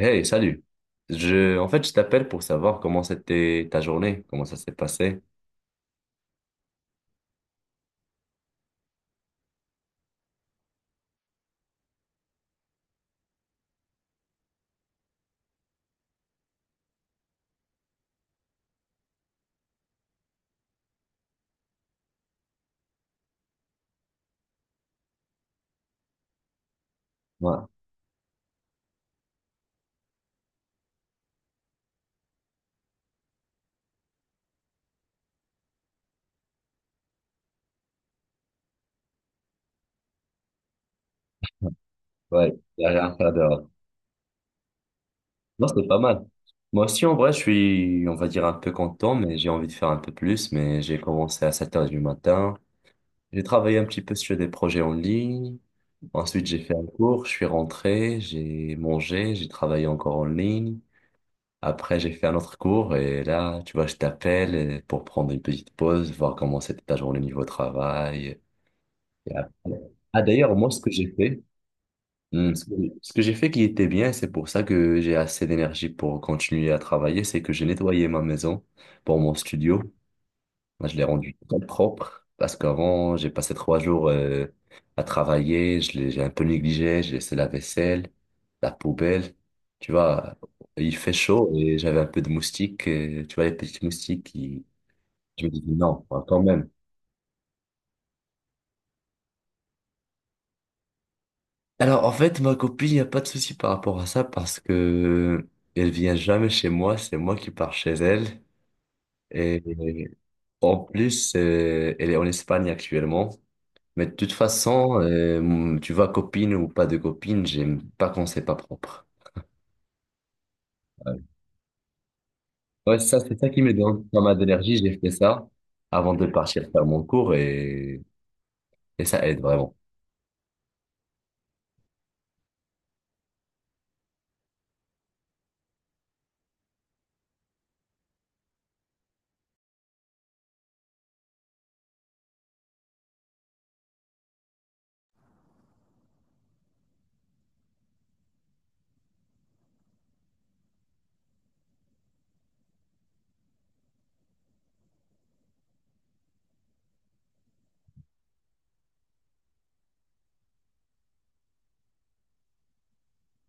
Hey, salut. En fait, je t'appelle pour savoir comment c'était ta journée, comment ça s'est passé. Ouais, ouais, il y a rien à faire dehors. Non, c'était pas mal. Moi aussi, en vrai, je suis, on va dire, un peu content, mais j'ai envie de faire un peu plus. Mais j'ai commencé à 7 heures du matin. J'ai travaillé un petit peu sur des projets en ligne. Ensuite, j'ai fait un cours, je suis rentré, j'ai mangé, j'ai travaillé encore en ligne. Après, j'ai fait un autre cours et là, tu vois, je t'appelle pour prendre une petite pause, voir comment c'était ta journée niveau travail. Et après... Ah, d'ailleurs, moi, ce que j'ai fait, hmm, ce que, ce que j'ai fait qui était bien, c'est pour ça que j'ai assez d'énergie pour continuer à travailler, c'est que j'ai nettoyé ma maison pour mon studio. Là, je l'ai rendu très propre parce qu'avant, j'ai passé 3 jours à travailler, je l'ai, j'ai un peu négligé, j'ai laissé la vaisselle, la poubelle. Tu vois, il fait chaud et j'avais un peu de moustiques, tu vois, les petits moustiques qui... Je me dis, non, quand même. Alors, en fait, ma copine, il n'y a pas de souci par rapport à ça parce que elle vient jamais chez moi, c'est moi qui pars chez elle. Et en plus, elle est en Espagne actuellement. Mais de toute façon, tu vois, copine ou pas de copine, j'aime pas quand c'est pas propre. Euh, Ouais, ça, c'est ça qui me donne pas mal d'énergie. J'ai fait ça avant de partir faire mon cours et ça aide vraiment.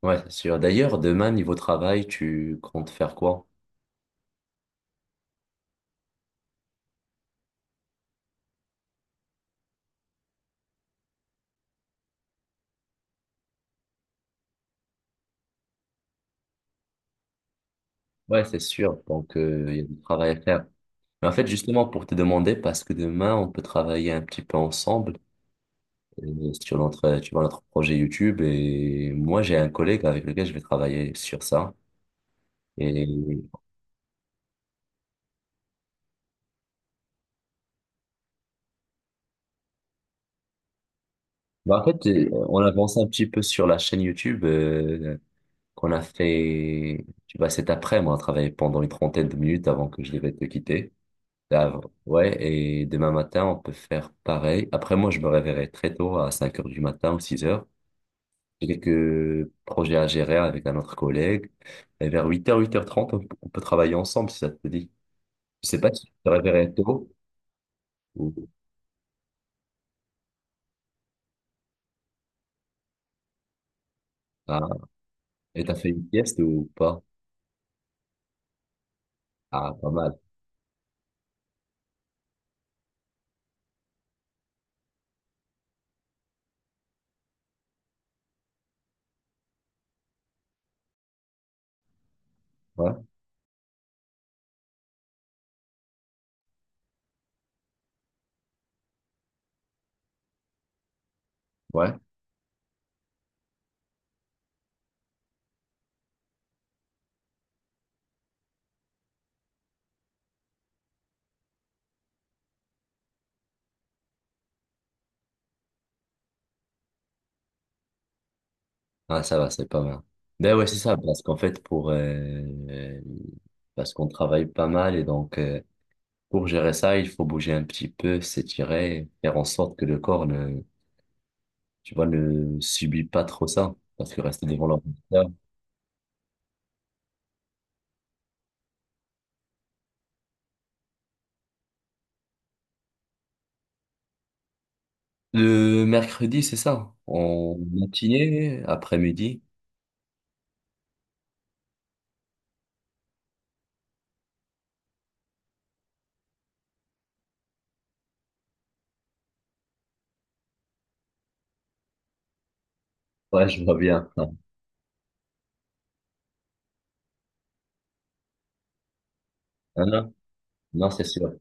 Ouais, c'est sûr. D'ailleurs, demain, niveau travail, tu comptes faire quoi? Ouais, c'est sûr. Donc, il y a du travail à faire. Mais en fait, justement, pour te demander, parce que demain, on peut travailler un petit peu ensemble sur notre, tu vois, notre projet YouTube. Et moi, j'ai un collègue avec lequel je vais travailler sur ça. Et bah, en fait, on avance un petit peu sur la chaîne YouTube qu'on a fait, tu vois, cet après-midi. On a travaillé pendant une trentaine de minutes avant que je devais te quitter. Ah, ouais, et demain matin, on peut faire pareil. Après, moi, je me réveillerai très tôt à 5 heures du matin ou 6 heures. J'ai quelques projets à gérer avec un autre collègue. Et vers 8 heures, 8h30, on peut travailler ensemble si ça te dit. Je sais pas si tu te réveillerais tôt ou ah, et t'as fait une sieste ou pas. Ah, pas mal. Ouais, ouais. Ah, ça va, c'est pas mal. Ben ouais, c'est ça, parce qu'en fait, pour parce qu'on travaille pas mal et donc pour gérer ça, il faut bouger un petit peu, s'étirer, faire en sorte que le corps ne, tu vois, ne subit pas trop ça. Parce que rester devant l'ordinateur... Le mercredi, c'est ça? En matinée, après-midi? Ouais, je vois bien. Non, non, non, non, c'est sûr.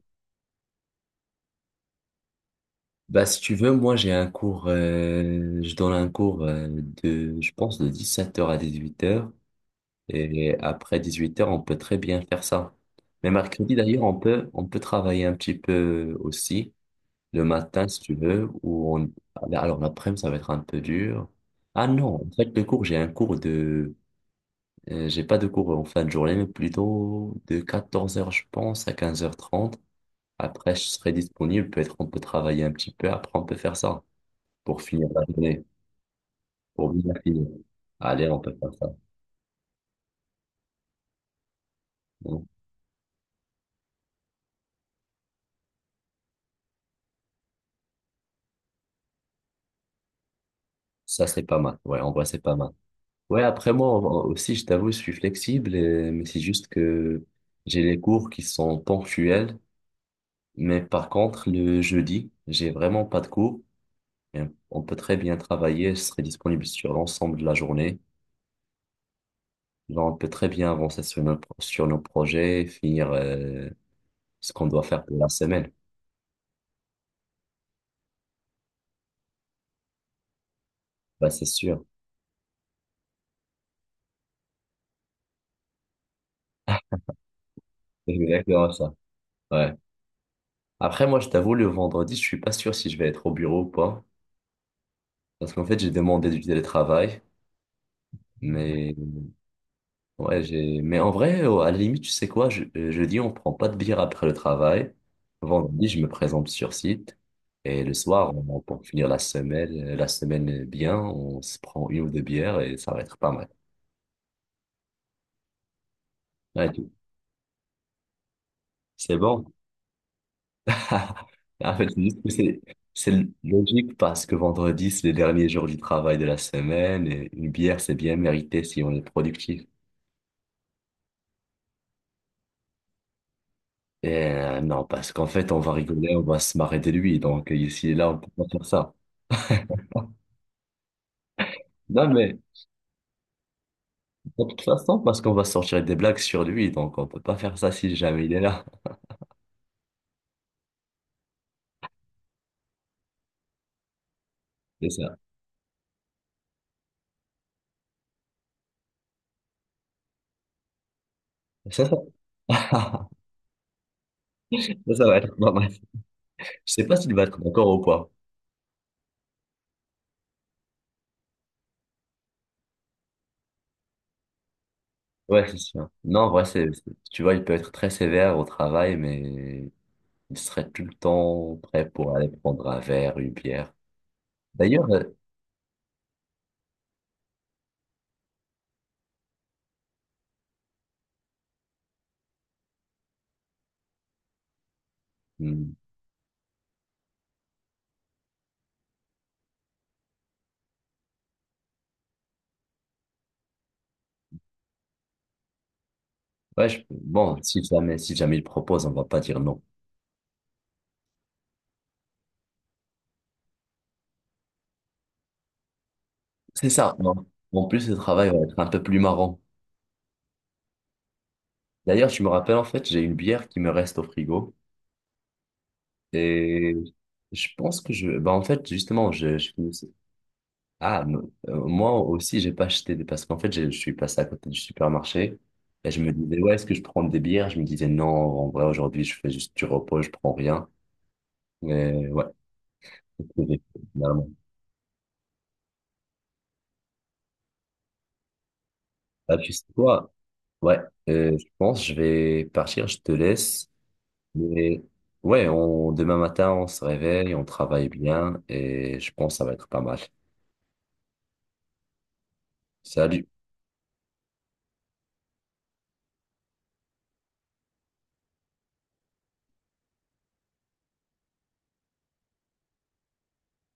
Bah, si tu veux, moi, j'ai un cours, je donne un cours de, je pense, de 17h à 18h. Et après 18h, on peut très bien faire ça. Mais mercredi, d'ailleurs, on peut travailler un petit peu aussi, le matin, si tu veux, ou on... Alors, l'après-midi, ça va être un peu dur. Ah non, en fait, le cours, j'ai un cours de... j'ai pas de cours en fin de journée, mais plutôt de 14h, je pense, à 15h30. Après, je serai disponible. Peut-être on peut travailler un petit peu. Après, on peut faire ça pour finir la journée, pour bien finir. Allez, on peut faire ça. Bon, ça, c'est pas mal. Ouais, en vrai, c'est pas mal. Ouais, après, moi aussi, je t'avoue, je suis flexible, mais c'est juste que j'ai les cours qui sont ponctuels. Mais par contre, le jeudi, j'ai vraiment pas de cours. Et on peut très bien travailler. Je serai disponible sur l'ensemble de la journée. Genre, on peut très bien avancer sur nos projets, finir ce qu'on doit faire pour la semaine. Bah, c'est sûr. C'est exactement ça. Ouais. Après, moi, je t'avoue, le vendredi, je suis pas sûr si je vais être au bureau ou pas. Parce qu'en fait, j'ai demandé du télétravail. Mais, ouais, j'ai... mais en vrai, à la limite, tu sais quoi, jeudi, on prend pas de bière après le travail. Vendredi, je me présente sur site. Et le soir, pour finir la semaine bien, on se prend une ou deux bières et ça va être pas mal. Ouais, c'est bon. En fait, c'est juste que c'est logique parce que vendredi, c'est le dernier jour du travail de la semaine et une bière, c'est bien mérité si on est productif. Et non, parce qu'en fait, on va rigoler, on va se marrer de lui. Donc, ici et là, on peut pas faire ça. Non, mais de toute façon, parce qu'on va sortir des blagues sur lui. Donc, on peut pas faire ça si jamais il est là. C'est ça. C'est ça. Ça va être pas mal. Je sais pas s'il va être d'accord ou quoi. Ouais, c'est sûr. Non, en vrai, c'est... tu vois, il peut être très sévère au travail, mais il serait tout le temps prêt pour aller prendre un verre, une bière. D'ailleurs, hmm, ouais, bon, si jamais il propose, on va pas dire non. C'est ça, non. En plus, le travail va être un peu plus marrant. D'ailleurs, je me rappelle, en fait, j'ai une bière qui me reste au frigo. Et je pense que je... Bah, en fait, justement, je finissais... Ah, me- moi aussi, j'ai pas acheté des... Parce qu'en fait, je suis passé à côté du supermarché. Et je me disais, ouais, est-ce que je prends des bières? Je me disais, non, en vrai, aujourd'hui, je fais juste du repos, je prends rien. Mais ouais, finalement. Ah, tu sais quoi? Ouais, je pense que je vais partir, je te laisse. Mais ouais, demain matin, on se réveille, on travaille bien et je pense que ça va être pas mal. Salut.